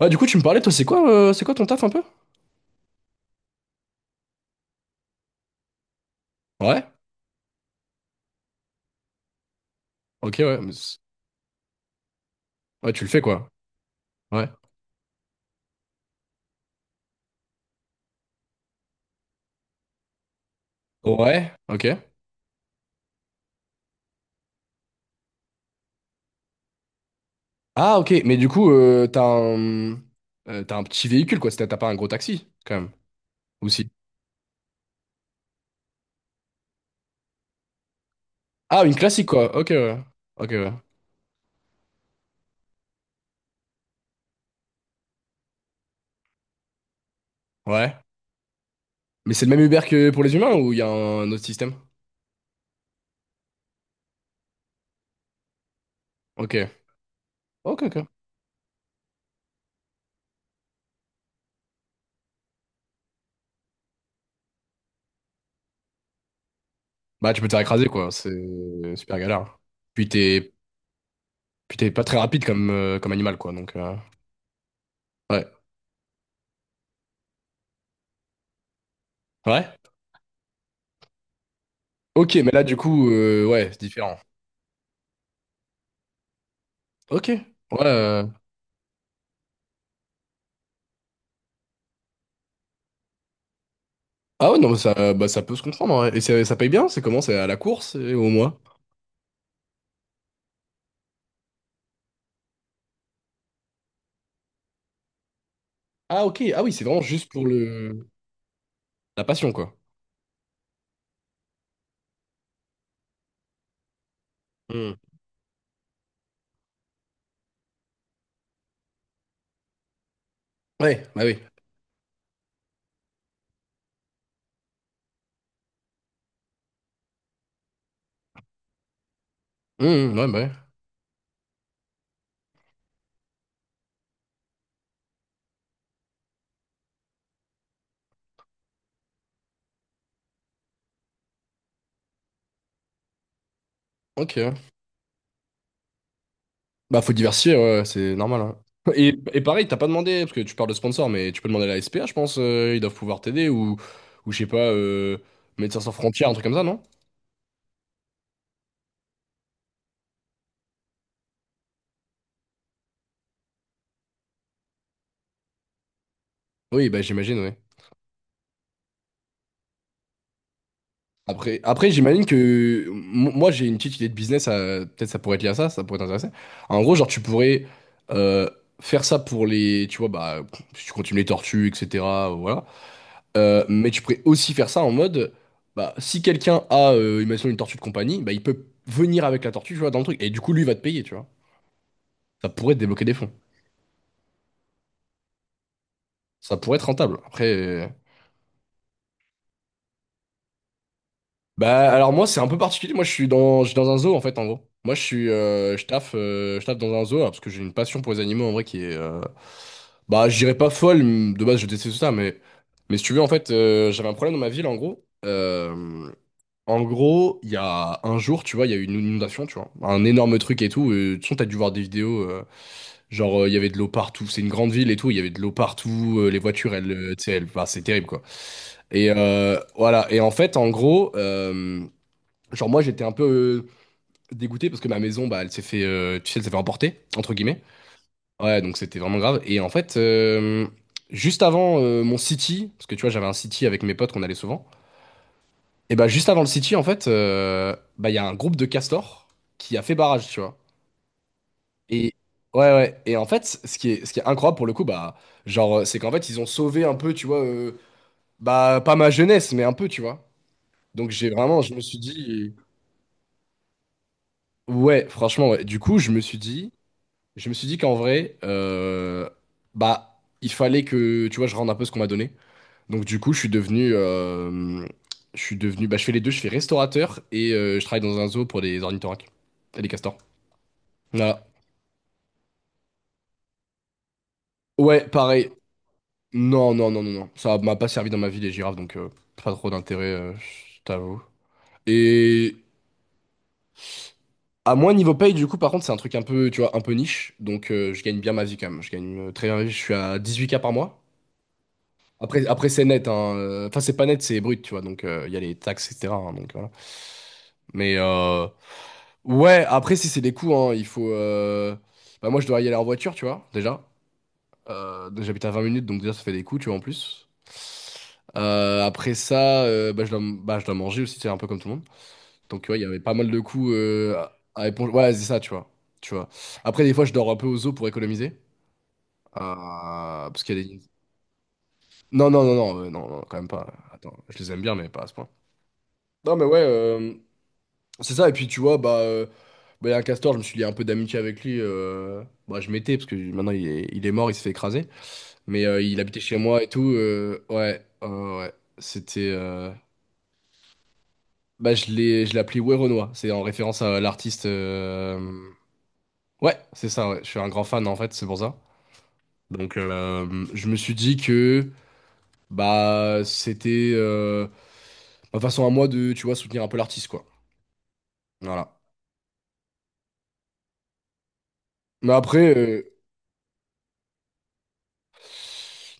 Ouais, du coup, tu me parlais, toi, c'est quoi ton taf un peu? Ouais. Ok, ouais. Ouais, tu le fais quoi? Ouais. Ouais. Ok. Ah, ok. Mais du coup, t'as un petit véhicule quoi. T'as pas un gros taxi quand même. Ou si? Ah, une classique quoi. Ok, ouais. Ok, ouais. Ouais. Mais c'est le même Uber que pour les humains ou il y a un autre système? Ok. Ok, ok. Bah, tu peux te faire écraser quoi. C'est super galère. Puis t'es, puis t'es pas très rapide comme, comme animal quoi. Donc ouais. Ouais. Ok, mais là du coup, ouais, c'est différent. Ok. Ouais. Ah ouais, non, mais ça, bah, ça peut se comprendre, en vrai. Et ça paye bien? C'est comment? C'est à la course et au mois? Ah ok. Ah oui, c'est vraiment juste pour le la passion, quoi. Hmm. Ouais, bah oui. Hmm, ouais, bah ouais. Ok. Bah faut diversifier, ouais, ouais, c'est normal, hein. Et pareil, t'as pas demandé, parce que tu parles de sponsor, mais tu peux demander à la SPA, je pense, ils doivent pouvoir t'aider, ou je sais pas, Médecins sans frontières, un truc comme ça, non? Oui, bah j'imagine. Après j'imagine que moi j'ai une petite idée de business, peut-être ça pourrait être lié à ça, ça pourrait t'intéresser. En gros, genre tu pourrais euh, faire ça pour les, tu vois, bah si tu continues les tortues, etc. Voilà. Mais tu pourrais aussi faire ça en mode, bah si quelqu'un a, imaginons une tortue de compagnie, bah il peut venir avec la tortue, tu vois, dans le truc. Et du coup, lui va te payer, tu vois. Ça pourrait te débloquer des fonds. Ça pourrait être rentable. Après. Bah alors moi c'est un peu particulier, moi je suis dans un zoo en fait en gros. Moi je suis Je taffe dans un zoo alors, parce que j'ai une passion pour les animaux en vrai qui est bah je dirais pas folle, de base je déteste ça mais si tu veux en fait j'avais un problème dans ma ville en gros. En gros, il y a un jour, tu vois, il y a eu une inondation, tu vois, un énorme truc et tout. De toute façon, t'as dû voir des vidéos, genre il y avait de l'eau partout. C'est une grande ville et tout, il y avait de l'eau partout. Les voitures, elles, tu sais, elles, bah, c'est terrible quoi. Et voilà. Et en fait, en gros, genre moi j'étais un peu dégoûté parce que ma maison bah elle s'est fait tu sais elle s'est fait emporter entre guillemets. Ouais donc c'était vraiment grave et en fait juste avant mon city parce que tu vois j'avais un city avec mes potes qu'on allait souvent et bah juste avant le city en fait bah il y a un groupe de castors qui a fait barrage tu vois. Et ouais, ouais, et en fait ce qui est incroyable pour le coup bah genre c'est qu'en fait ils ont sauvé un peu tu vois bah pas ma jeunesse mais un peu tu vois. Donc j'ai vraiment je me suis dit, ouais franchement ouais. Du coup je me suis dit qu'en vrai, bah, il fallait que, tu vois, je rende un peu ce qu'on m'a donné. Donc du coup, je suis devenu, bah, je fais les deux, je fais restaurateur et je travaille dans un zoo pour les ornithorynques et les castors. Voilà. Ouais, pareil. Non, non, non, non, non. Ça m'a pas servi dans ma vie les girafes, donc pas trop d'intérêt, je t'avoue. Et à moins niveau paye, du coup, par contre, c'est un truc un peu, tu vois, un peu niche. Donc je gagne bien ma vie quand même. Je gagne très bien ma vie. Je suis à 18K par mois. Après c'est net, hein. Enfin, c'est pas net, c'est brut, tu vois. Donc, il y a les taxes, etc., hein, donc, voilà. Mais ouais, après, si c'est des coûts, hein, il faut. Bah, moi, je dois y aller en voiture, tu vois, déjà. Donc, j'habite à 20 minutes, donc déjà, ça fait des coûts, tu vois, en plus. Après ça, bah, je dois manger aussi, c'est un peu comme tout le monde. Donc, tu vois, il y avait pas mal de coûts à éponger. Ouais, c'est ça, tu vois. Tu vois. Après, des fois, je dors un peu aux eaux pour économiser. Euh, Parce qu'il y a des. Non, non, non, non, non, non, quand même pas. Attends, je les aime bien, mais pas à ce point. Non, mais ouais, c'est ça. Et puis, tu vois, bah, bah, il y a un castor, je me suis lié un peu d'amitié avec lui. Bah, je m'étais, parce que maintenant, il est mort, il s'est fait écraser. Mais il habitait chez moi et tout. Ouais, ouais. Ouais, c'était. Bah, je l'ai appelé Werenoi. C'est en référence à l'artiste. Ouais, c'est ça, ouais. Je suis un grand fan, en fait, c'est pour ça. Donc, je me suis dit que, bah, c'était ma façon à moi de, tu vois, soutenir un peu l'artiste, quoi. Voilà. Mais après.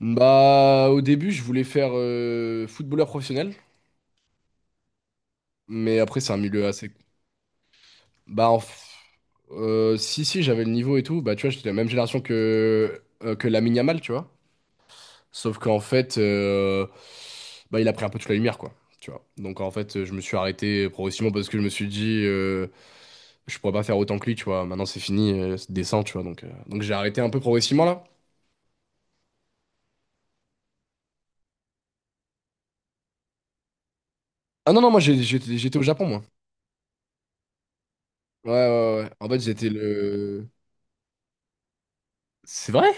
Bah, au début, je voulais faire footballeur professionnel, mais après, c'est un milieu assez. Bah, si, si, j'avais le niveau et tout. Bah, tu vois, j'étais de la même génération que, que Lamine Yamal, tu vois. Sauf qu'en fait, bah, il a pris un peu toute la lumière, quoi. Tu vois. Donc, en fait, je me suis arrêté progressivement parce que je me suis dit, je pourrais pas faire autant que lui, tu vois. Maintenant, c'est fini, c'est décent, tu vois. Donc, j'ai arrêté un peu progressivement, là. Ah non, non, moi, j'étais au Japon, moi. Ouais, ouais, ouais. Ouais. En fait, j'étais le. C'est vrai?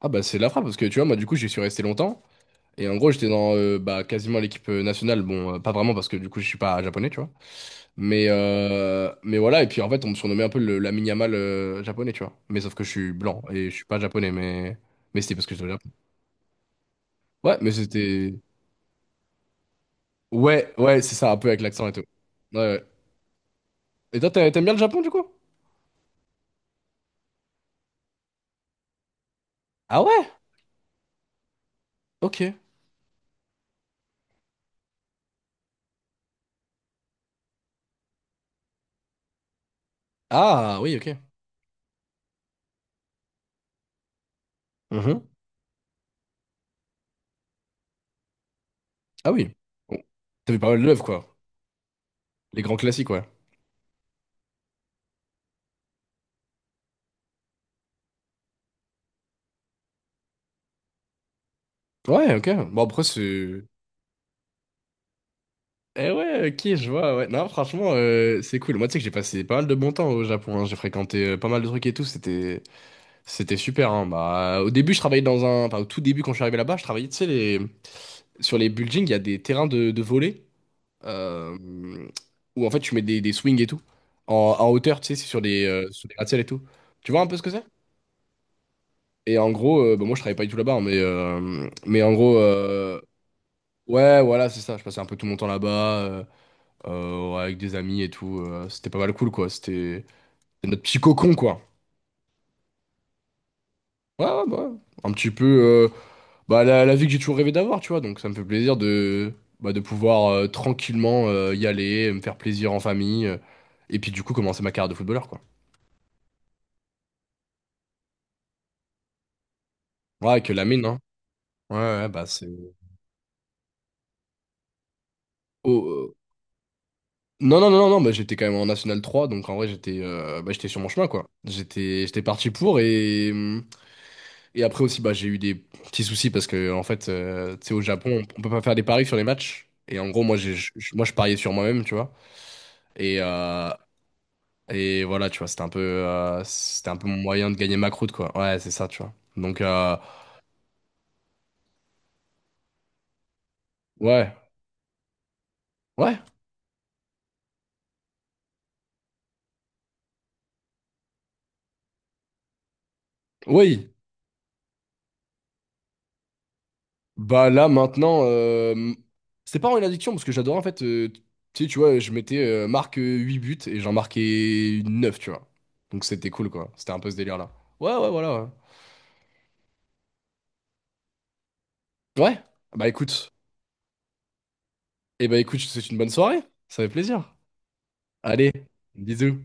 Ah bah, c'est de la frappe parce que tu vois, moi du coup j'y suis resté longtemps, et en gros j'étais dans bah, quasiment l'équipe nationale, bon, pas vraiment parce que du coup je suis pas japonais, tu vois, mais voilà. Et puis en fait on me surnommait un peu la mini-amal japonais, tu vois, mais sauf que je suis blanc et je suis pas japonais, mais c'était parce que j'étais au Japon. Ouais, mais c'était, ouais, ouais, c'est ça, un peu avec l'accent et tout. Ouais, ouais. Et toi t'aimes bien le Japon du coup? Ah ouais, ok. Ah oui, ok. Mhm. Ah oui. Bon. T'as vu pas mal d'œuvres quoi, les grands classiques, ouais. Ouais, ok, bon, après c'est. Eh ouais, ok, je vois, ouais. Non, franchement, c'est cool. Moi, tu sais que j'ai passé pas mal de bon temps au Japon, hein. J'ai fréquenté pas mal de trucs et tout, c'était super, hein. Bah, au début, je travaillais dans un. Enfin, au tout début, quand je suis arrivé là-bas, je travaillais, tu sais, les. Sur les buildings, il y a des terrains de, volley, euh, où en fait, tu mets des, swings et tout, en, hauteur, tu sais, c'est sur des gratte-ciel et tout. Tu vois un peu ce que c'est? Et en gros, bah, moi, je travaillais pas du tout là-bas, hein, mais, mais en gros. Ouais, voilà, c'est ça. Je passais un peu tout mon temps là-bas. Ouais, avec des amis et tout. C'était pas mal cool, quoi. C'était notre petit cocon, quoi. Ouais, ouais, bah, ouais. Un petit peu bah, la vie que j'ai toujours rêvé d'avoir, tu vois. Donc ça me fait plaisir de, bah, de pouvoir tranquillement y aller, me faire plaisir en famille. Et puis du coup, commencer ma carrière de footballeur, quoi. Ouais, que la mine, hein. Ouais, ouais, bah c'est. Oh, non, non, non, non, non, bah, j'étais quand même en National 3, donc en vrai, j'étais bah, j'étais sur mon chemin, quoi. J'étais parti pour Et après aussi, bah, j'ai eu des petits soucis parce que, en fait, tu sais, au Japon, on peut pas faire des paris sur les matchs. Et en gros, moi, je pariais sur moi-même, tu vois. Et, euh, et voilà, tu vois, c'était un peu mon moyen de gagner ma croûte, quoi. Ouais, c'est ça, tu vois. Donc, ouais, ouais, oui. Bah là, maintenant, c'était pas vraiment une addiction parce que j'adorais, en fait, tu sais, tu vois, je mettais marque 8 buts et j'en marquais 9 tu vois. Donc, c'était cool, quoi. C'était un peu ce délire-là. Ouais, ouais, voilà, ouais. Ouais. Bah écoute. Eh ben écoute, je te souhaite une bonne soirée. Ça fait plaisir. Allez, bisous.